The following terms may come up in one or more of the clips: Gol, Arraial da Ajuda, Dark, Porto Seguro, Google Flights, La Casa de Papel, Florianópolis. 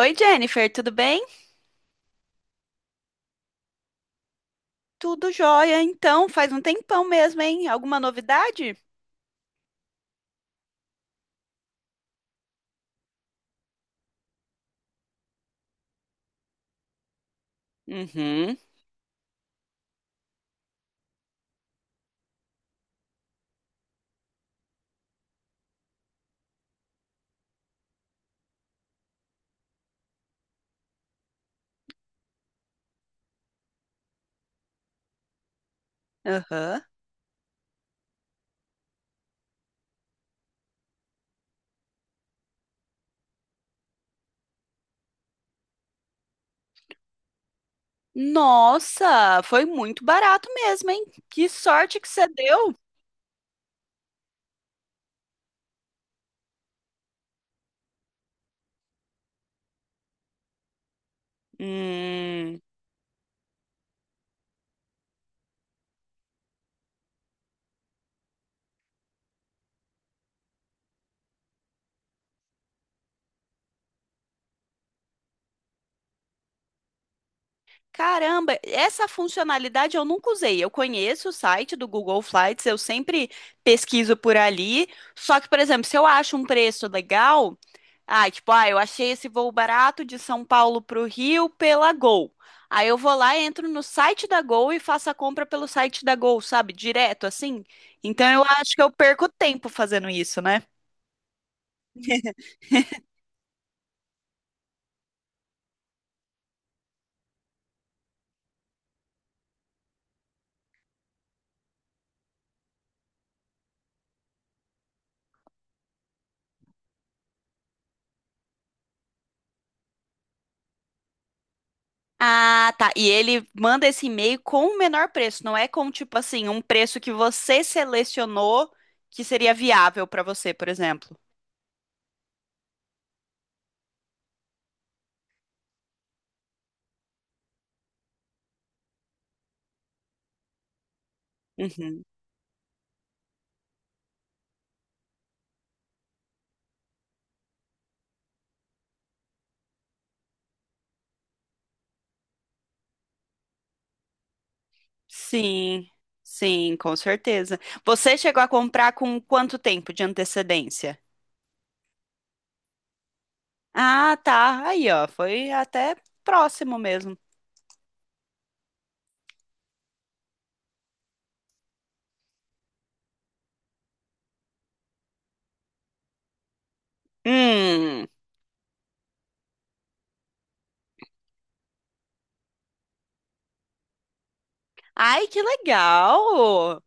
Oi, Jennifer, tudo bem? Tudo jóia, então, faz um tempão mesmo, hein? Alguma novidade? Uhum, aham. Nossa, foi muito barato mesmo, hein? Que sorte que você deu! Hum, caramba, essa funcionalidade eu nunca usei. Eu conheço o site do Google Flights, eu sempre pesquiso por ali. Só que, por exemplo, se eu acho um preço legal. Ah, tipo, ah, eu achei esse voo barato de São Paulo para o Rio pela Gol. Aí eu vou lá, entro no site da Gol e faço a compra pelo site da Gol, sabe? Direto assim. Então eu acho que eu perco tempo fazendo isso, né? Ah, tá. E ele manda esse e-mail com o menor preço, não é com tipo assim, um preço que você selecionou que seria viável para você, por exemplo. Uhum. Sim, sim, com certeza. Você chegou a comprar com quanto tempo de antecedência? Ah, tá. Aí, ó, foi até próximo mesmo. Hum. Ai, que legal!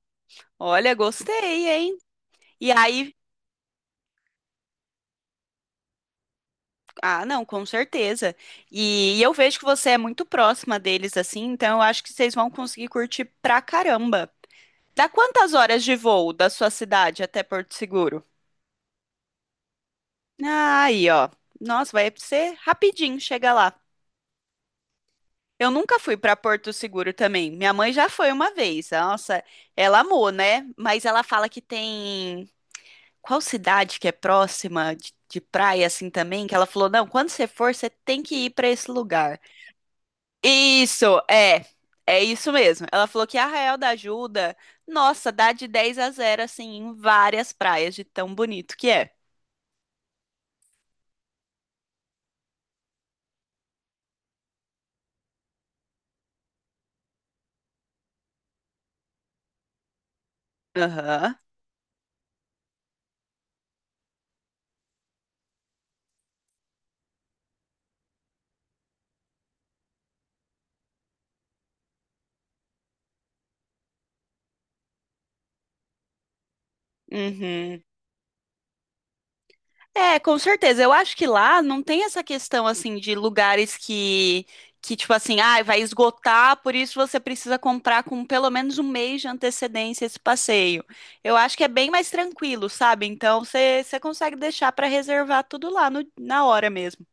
Olha, gostei, hein? E aí, ah, não, com certeza. E eu vejo que você é muito próxima deles, assim, então eu acho que vocês vão conseguir curtir pra caramba. Dá quantas horas de voo da sua cidade até Porto Seguro? Ah, aí, ó. Nossa, vai ser rapidinho, chega lá. Eu nunca fui para Porto Seguro também. Minha mãe já foi uma vez. Nossa, ela amou, né? Mas ela fala que tem. Qual cidade que é próxima de praia assim também? Que ela falou: não, quando você for, você tem que ir para esse lugar. Isso, é. É isso mesmo. Ela falou que Arraial da Ajuda, nossa, dá de 10 a zero assim em várias praias, de tão bonito que é. Aham. Uhum. É, com certeza. Eu acho que lá não tem essa questão assim de lugares que tipo assim, ah, vai esgotar, por isso você precisa comprar com pelo menos um mês de antecedência esse passeio. Eu acho que é bem mais tranquilo, sabe? Então você consegue deixar para reservar tudo lá na hora mesmo.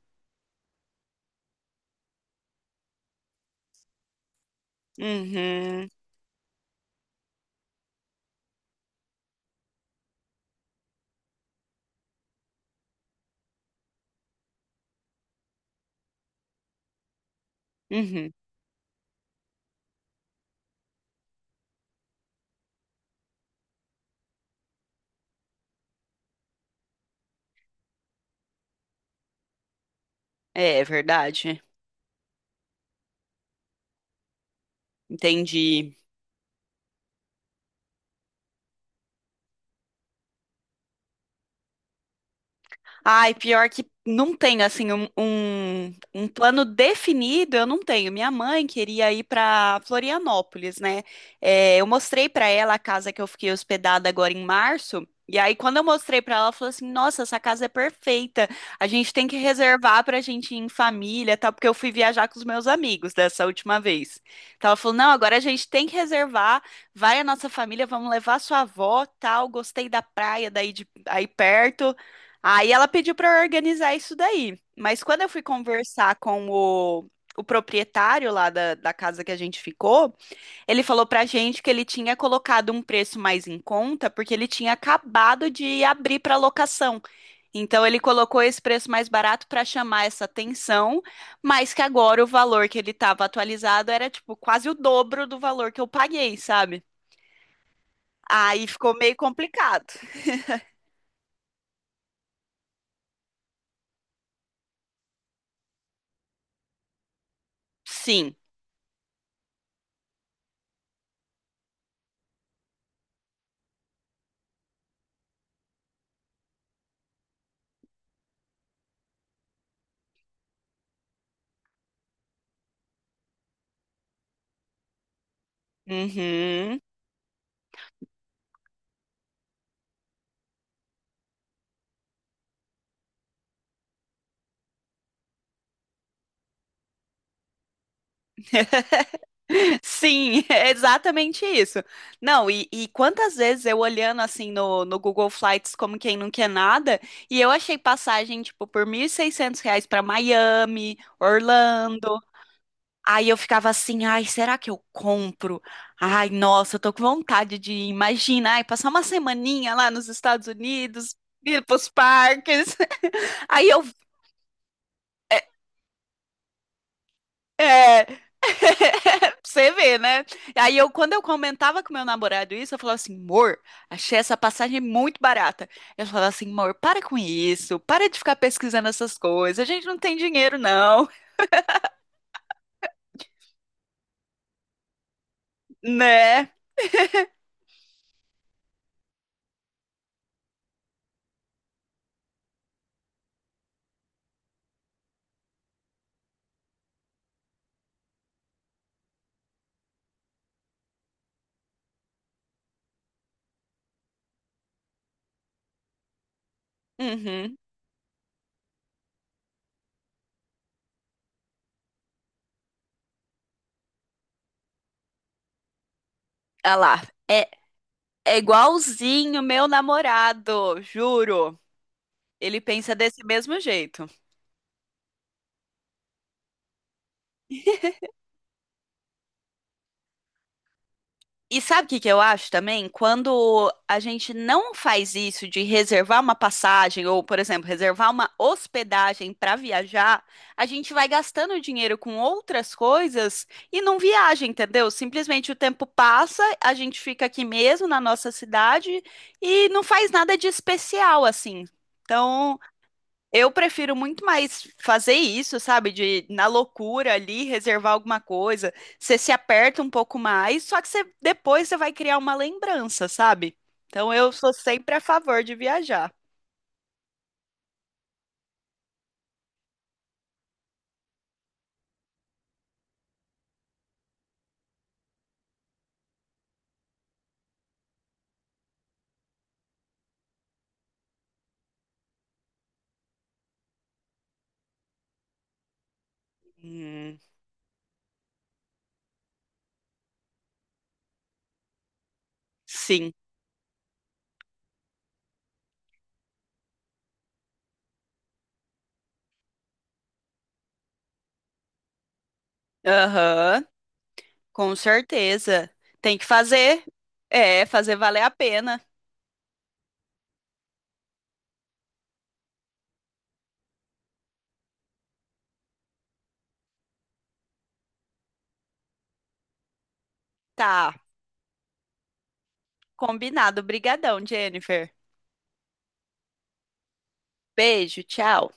Uhum, uhum. É, é verdade. Entendi. Ai, pior que não tenho, assim, um plano definido, eu não tenho. Minha mãe queria ir para Florianópolis, né? É, eu mostrei para ela a casa que eu fiquei hospedada agora em março. E aí, quando eu mostrei para ela, ela falou assim: Nossa, essa casa é perfeita. A gente tem que reservar para a gente ir em família, tá? Porque eu fui viajar com os meus amigos dessa última vez. Então, ela falou: Não, agora a gente tem que reservar. Vai a nossa família, vamos levar sua avó, tal. Gostei da praia daí de, aí perto. Aí ela pediu para eu organizar isso daí. Mas quando eu fui conversar com o proprietário lá da casa que a gente ficou, ele falou pra gente que ele tinha colocado um preço mais em conta porque ele tinha acabado de abrir para locação. Então ele colocou esse preço mais barato para chamar essa atenção, mas que agora o valor que ele estava atualizado era tipo quase o dobro do valor que eu paguei, sabe? Aí ficou meio complicado. Sim. Uhum. Sim, é exatamente isso. Não, e quantas vezes eu olhando assim no Google Flights como quem não quer nada, e eu achei passagem, tipo, por R$ 1.600 para Miami, Orlando. Aí eu ficava assim, ai, será que eu compro? Ai, nossa, eu tô com vontade de ir. Imagina, ai, passar uma semaninha lá nos Estados Unidos, ir pros parques. Aí eu é. Pra você vê, né? Aí eu, quando eu comentava com meu namorado isso, eu falava assim, amor, achei essa passagem muito barata. Eu falava assim, amor, para com isso, para de ficar pesquisando essas coisas, a gente não tem dinheiro, não, né? Uhum. Olha lá, é, é igualzinho meu namorado, juro. Ele pensa desse mesmo jeito. E sabe o que que eu acho também? Quando a gente não faz isso de reservar uma passagem ou, por exemplo, reservar uma hospedagem para viajar, a gente vai gastando dinheiro com outras coisas e não viaja, entendeu? Simplesmente o tempo passa, a gente fica aqui mesmo na nossa cidade e não faz nada de especial assim. Então, eu prefiro muito mais fazer isso, sabe? De na loucura ali, reservar alguma coisa. Você se aperta um pouco mais, só que você, depois você vai criar uma lembrança, sabe? Então eu sou sempre a favor de viajar. Hum, sim. Aham, com certeza. Tem que fazer. É, fazer valer a pena. Tá, combinado. Brigadão, Jennifer. Beijo, tchau.